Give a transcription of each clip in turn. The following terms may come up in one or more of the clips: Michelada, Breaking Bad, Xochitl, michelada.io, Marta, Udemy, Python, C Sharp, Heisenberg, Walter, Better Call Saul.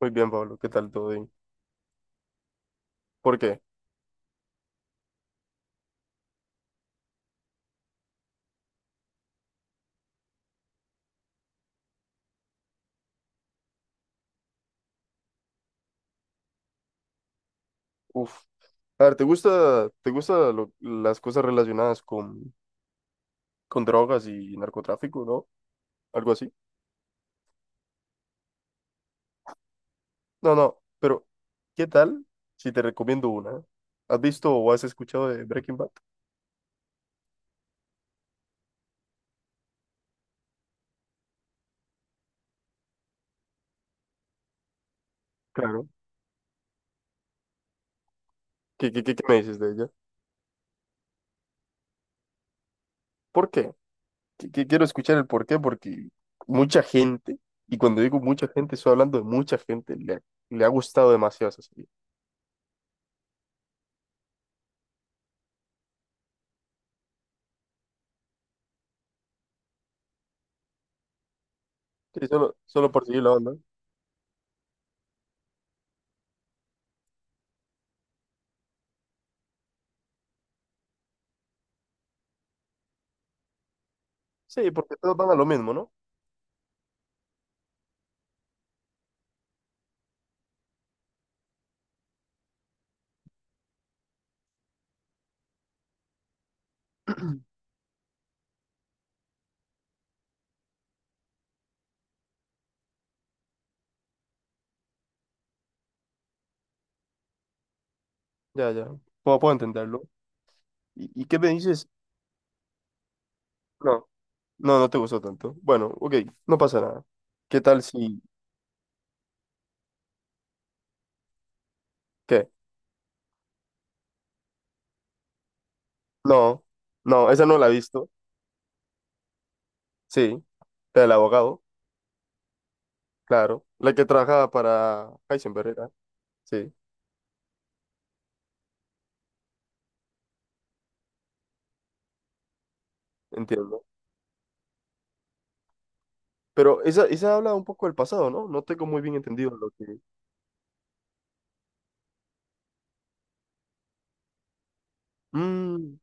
Muy bien, Pablo, ¿qué tal todo bien? ¿Por qué? Uf. A ver, ¿te gusta las cosas relacionadas con drogas y narcotráfico, ¿no? Algo así. No, no, pero ¿qué tal si te recomiendo una? ¿Has visto o has escuchado de Breaking Bad? Claro. ¿Qué me dices de ella? ¿Por qué? Que quiero escuchar el por qué, porque mucha gente, y cuando digo mucha gente, estoy hablando de mucha gente, le ha gustado demasiado esa serie. Sí, solo por seguir la onda. Sí, porque todos van a lo mismo, ¿no? Ya, ya. Puedo entenderlo. ¿Y qué me dices? No, no, no te gustó tanto. Bueno, ok, no pasa nada. ¿Qué tal si— ¿Qué? No, no, esa no la he visto. Sí, la del abogado, claro. La que trabajaba para Heisenberg era. Sí, entiendo. Pero esa habla un poco del pasado, ¿no? No tengo muy bien entendido lo que— Mm,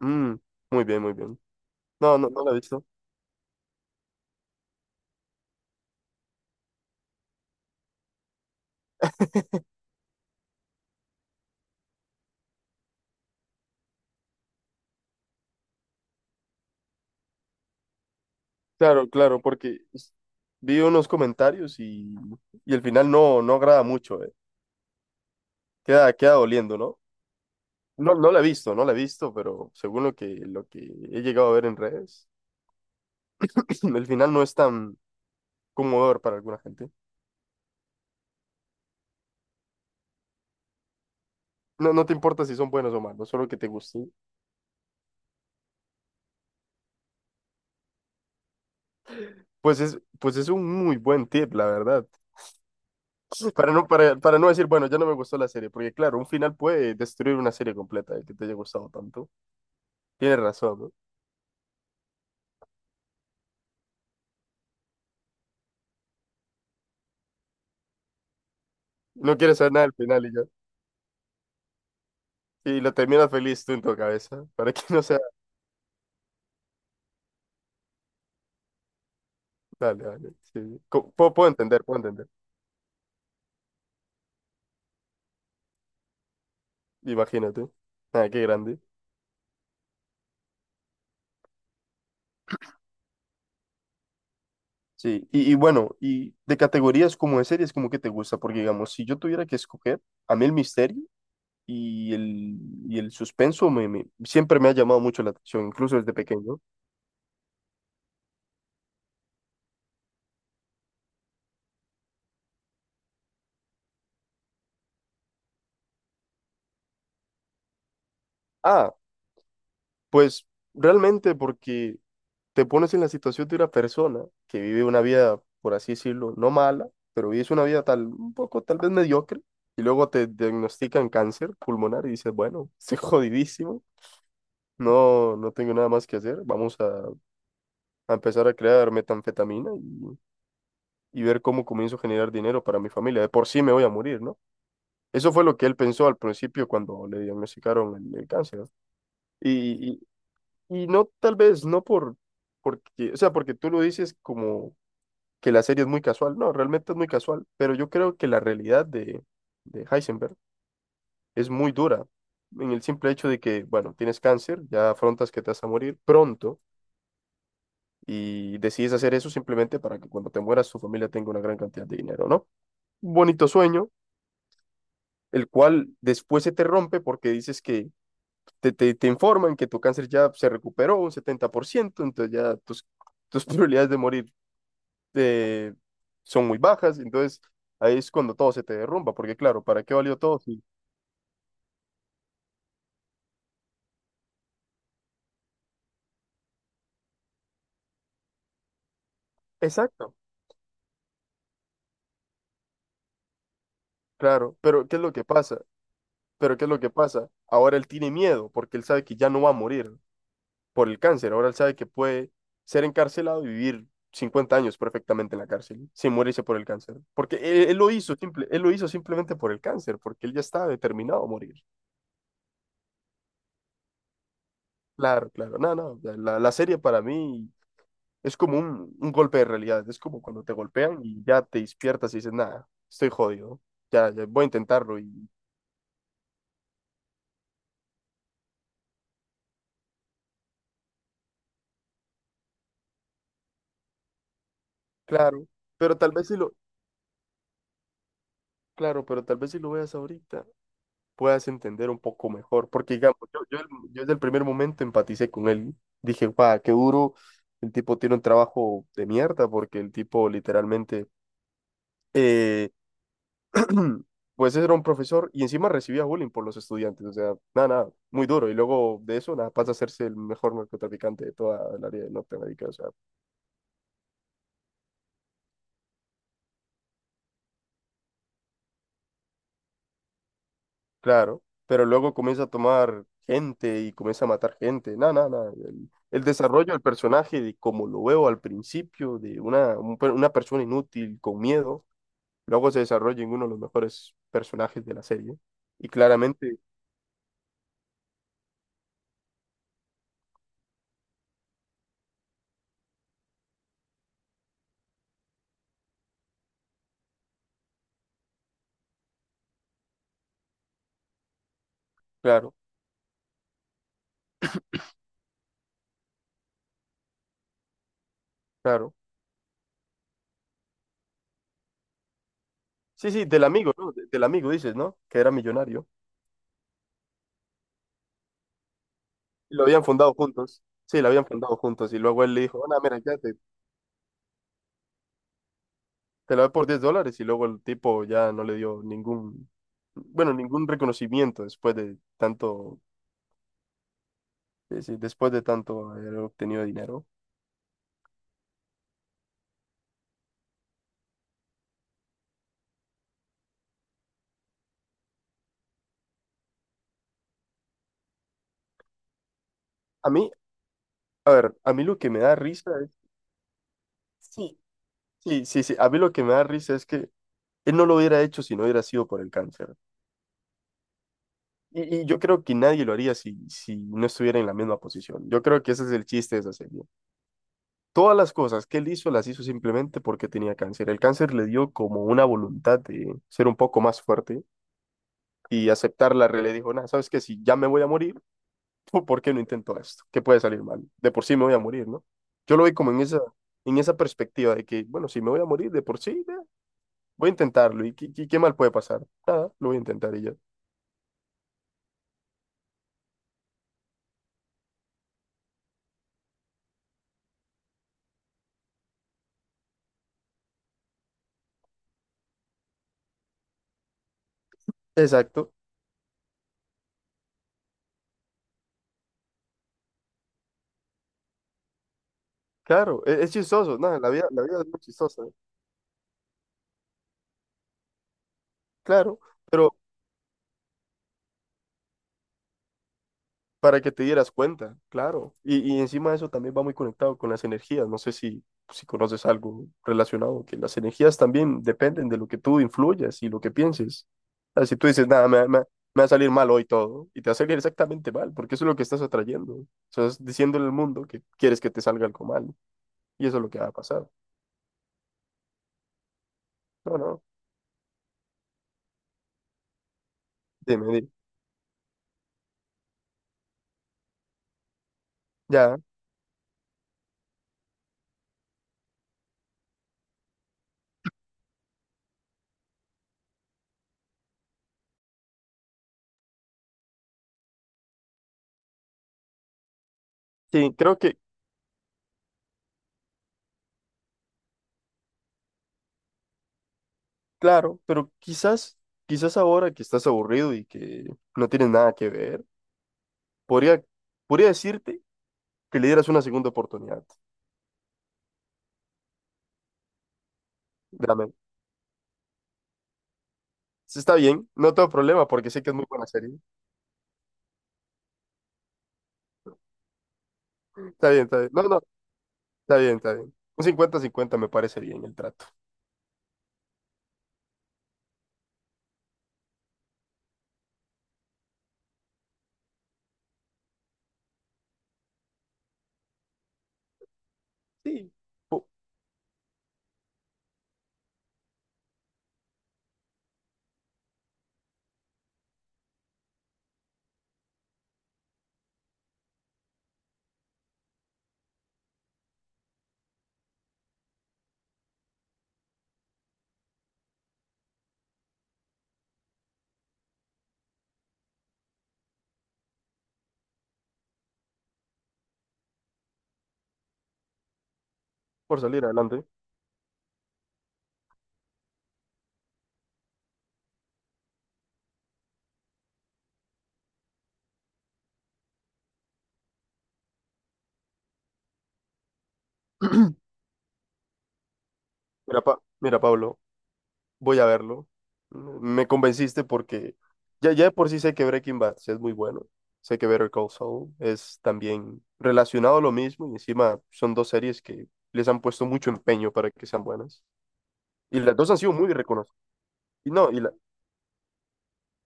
mm, muy bien, muy bien. No, no, no la he visto. Claro, claro, porque vi unos comentarios y el final no agrada mucho, eh. Queda doliendo, ¿no? No, no la he visto, no la he visto, pero según lo que he llegado a ver en redes, el final no es tan conmovedor para alguna gente. No, no te importa si son buenos o malos, solo que te guste. Pues es un muy buen tip, la verdad. Para no decir, bueno, ya no me gustó la serie, porque claro, un final puede destruir una serie completa, el que te haya gustado tanto. Tienes razón, ¿no? No quieres saber nada del final y ya. Y lo terminas feliz tú en tu cabeza, para que no sea— Dale, dale. Sí. Puedo entender, puedo entender. Imagínate. Ah, qué grande. Sí, y bueno, y de categorías como de series, como que te gusta, porque digamos, si yo tuviera que escoger, a mí el misterio y el, y el suspenso siempre me ha llamado mucho la atención, incluso desde pequeño. Ah, pues realmente porque te pones en la situación de una persona que vive una vida, por así decirlo, no mala, pero vives una vida tal, un poco tal vez mediocre, y luego te diagnostican cáncer pulmonar y dices, bueno, estoy jodidísimo, no, no tengo nada más que hacer, vamos a empezar a crear metanfetamina y ver cómo comienzo a generar dinero para mi familia. De por sí me voy a morir, ¿no? Eso fue lo que él pensó al principio cuando le diagnosticaron el cáncer, ¿no? Y, y no, tal vez, no por, porque, o sea, porque tú lo dices como que la serie es muy casual. No, realmente es muy casual, pero yo creo que la realidad de Heisenberg es muy dura. En el simple hecho de que, bueno, tienes cáncer, ya afrontas que te vas a morir pronto y decides hacer eso simplemente para que cuando te mueras tu familia tenga una gran cantidad de dinero, ¿no? Un bonito sueño, el cual después se te rompe porque dices que te informan que tu cáncer ya se recuperó un 70%, entonces ya tus probabilidades de morir eh, son muy bajas, entonces ahí es cuando todo se te derrumba, porque claro, ¿para qué valió todo? Sí. Exacto, claro, pero ¿qué es lo que pasa? Pero ¿qué es lo que pasa? Ahora él tiene miedo porque él sabe que ya no va a morir por el cáncer. Ahora él sabe que puede ser encarcelado y vivir 50 años perfectamente en la cárcel, sin morirse por el cáncer. Porque él lo hizo simple, él lo hizo simplemente por el cáncer, porque él ya estaba determinado a morir. Claro, claro. No, no, la serie para mí es como un golpe de realidad. Es como cuando te golpean y ya te despiertas y dices, nada, estoy jodido. Ya, ya voy a intentarlo, y claro, pero tal vez si lo, claro, pero tal vez si lo veas ahorita. Puedas entender un poco mejor. Porque, digamos, yo desde el primer momento empaticé con él. Dije, guau, qué duro. El tipo tiene un trabajo de mierda porque el tipo literalmente, eh, pues era un profesor y encima recibía bullying por los estudiantes. O sea, nada, nada, muy duro. Y luego de eso, nada, pasa a hacerse el mejor narcotraficante de toda el área de Norteamérica. O sea, claro, pero luego comienza a tomar gente y comienza a matar gente. No, no, no. El desarrollo del personaje, de como lo veo al principio, de una persona inútil con miedo, luego se desarrolla en uno de los mejores personajes de la serie. Y claramente, claro, claro. Sí, sí, del amigo, ¿no? Del amigo dices, ¿no? Que era millonario. Y lo habían fundado juntos. Sí, lo habían fundado juntos. Y luego él le dijo, ah, no, mira, ya. Te la da por $10 y luego el tipo ya no le dio ningún, bueno, ningún reconocimiento después de tanto, sí, sí, después de tanto haber obtenido dinero. A mí, a ver, a mí lo que me da risa es, sí, sí, sí, sí, a mí lo que me da risa es que él no lo hubiera hecho si no hubiera sido por el cáncer. Y yo creo que nadie lo haría si no estuviera en la misma posición. Yo creo que ese es el chiste de esa serie. Todas las cosas que él hizo las hizo simplemente porque tenía cáncer. El cáncer le dio como una voluntad de ser un poco más fuerte y aceptar la realidad. Dijo, nada, sabes que si ya me voy a morir, ¿por qué no intento esto? ¿Qué puede salir mal? De por sí me voy a morir, ¿no? Yo lo vi como en esa perspectiva de que, bueno, si me voy a morir de por sí, ya, voy a intentarlo. ¿Y qué mal puede pasar? Nada, lo voy a intentar y ya. Exacto. Claro, es, chistoso, nada, la vida es muy chistosa, ¿eh? Claro, pero para que te dieras cuenta, claro. Y encima de eso también va muy conectado con las energías. No sé si conoces algo relacionado, que las energías también dependen de lo que tú influyas y lo que pienses. O sea, si tú dices, nada, me va a salir mal hoy todo, y te va a salir exactamente mal, porque eso es lo que estás atrayendo. Estás diciéndole al mundo que quieres que te salga algo mal, y eso es lo que va a pasar. No, no, dime, dime. Ya, sí, creo que, claro, pero quizás ahora que estás aburrido y que no tienes nada que ver, podría— Podría decirte que le dieras una segunda oportunidad. Dame. Sí, está bien, no tengo problema porque sé que es muy buena serie. Está bien, está bien. No, no, está bien, está bien. Un 50-50 me parece bien el trato. Sí, po- salir adelante. Mira, Pablo, voy a verlo. Me convenciste porque ya, ya de por sí sé que Breaking Bad sí es muy bueno. Sé que Better Call Saul es también relacionado a lo mismo y encima son dos series que les han puesto mucho empeño para que sean buenas. Y las dos han sido muy reconocidas. Y no, y la,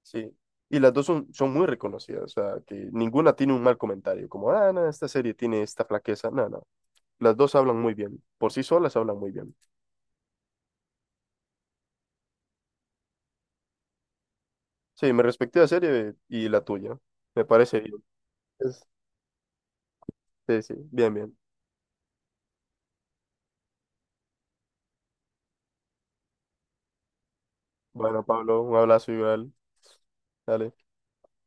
sí. Y las dos son muy reconocidas, o sea, que ninguna tiene un mal comentario, como, ah, no, esta serie tiene esta flaqueza, no, no. Las dos hablan muy bien, por sí solas hablan muy bien. Sí, me respecté la serie y la tuya, me parece bien. Es- sí, sí, bien, bien. Bueno, Pablo, un abrazo igual, dale.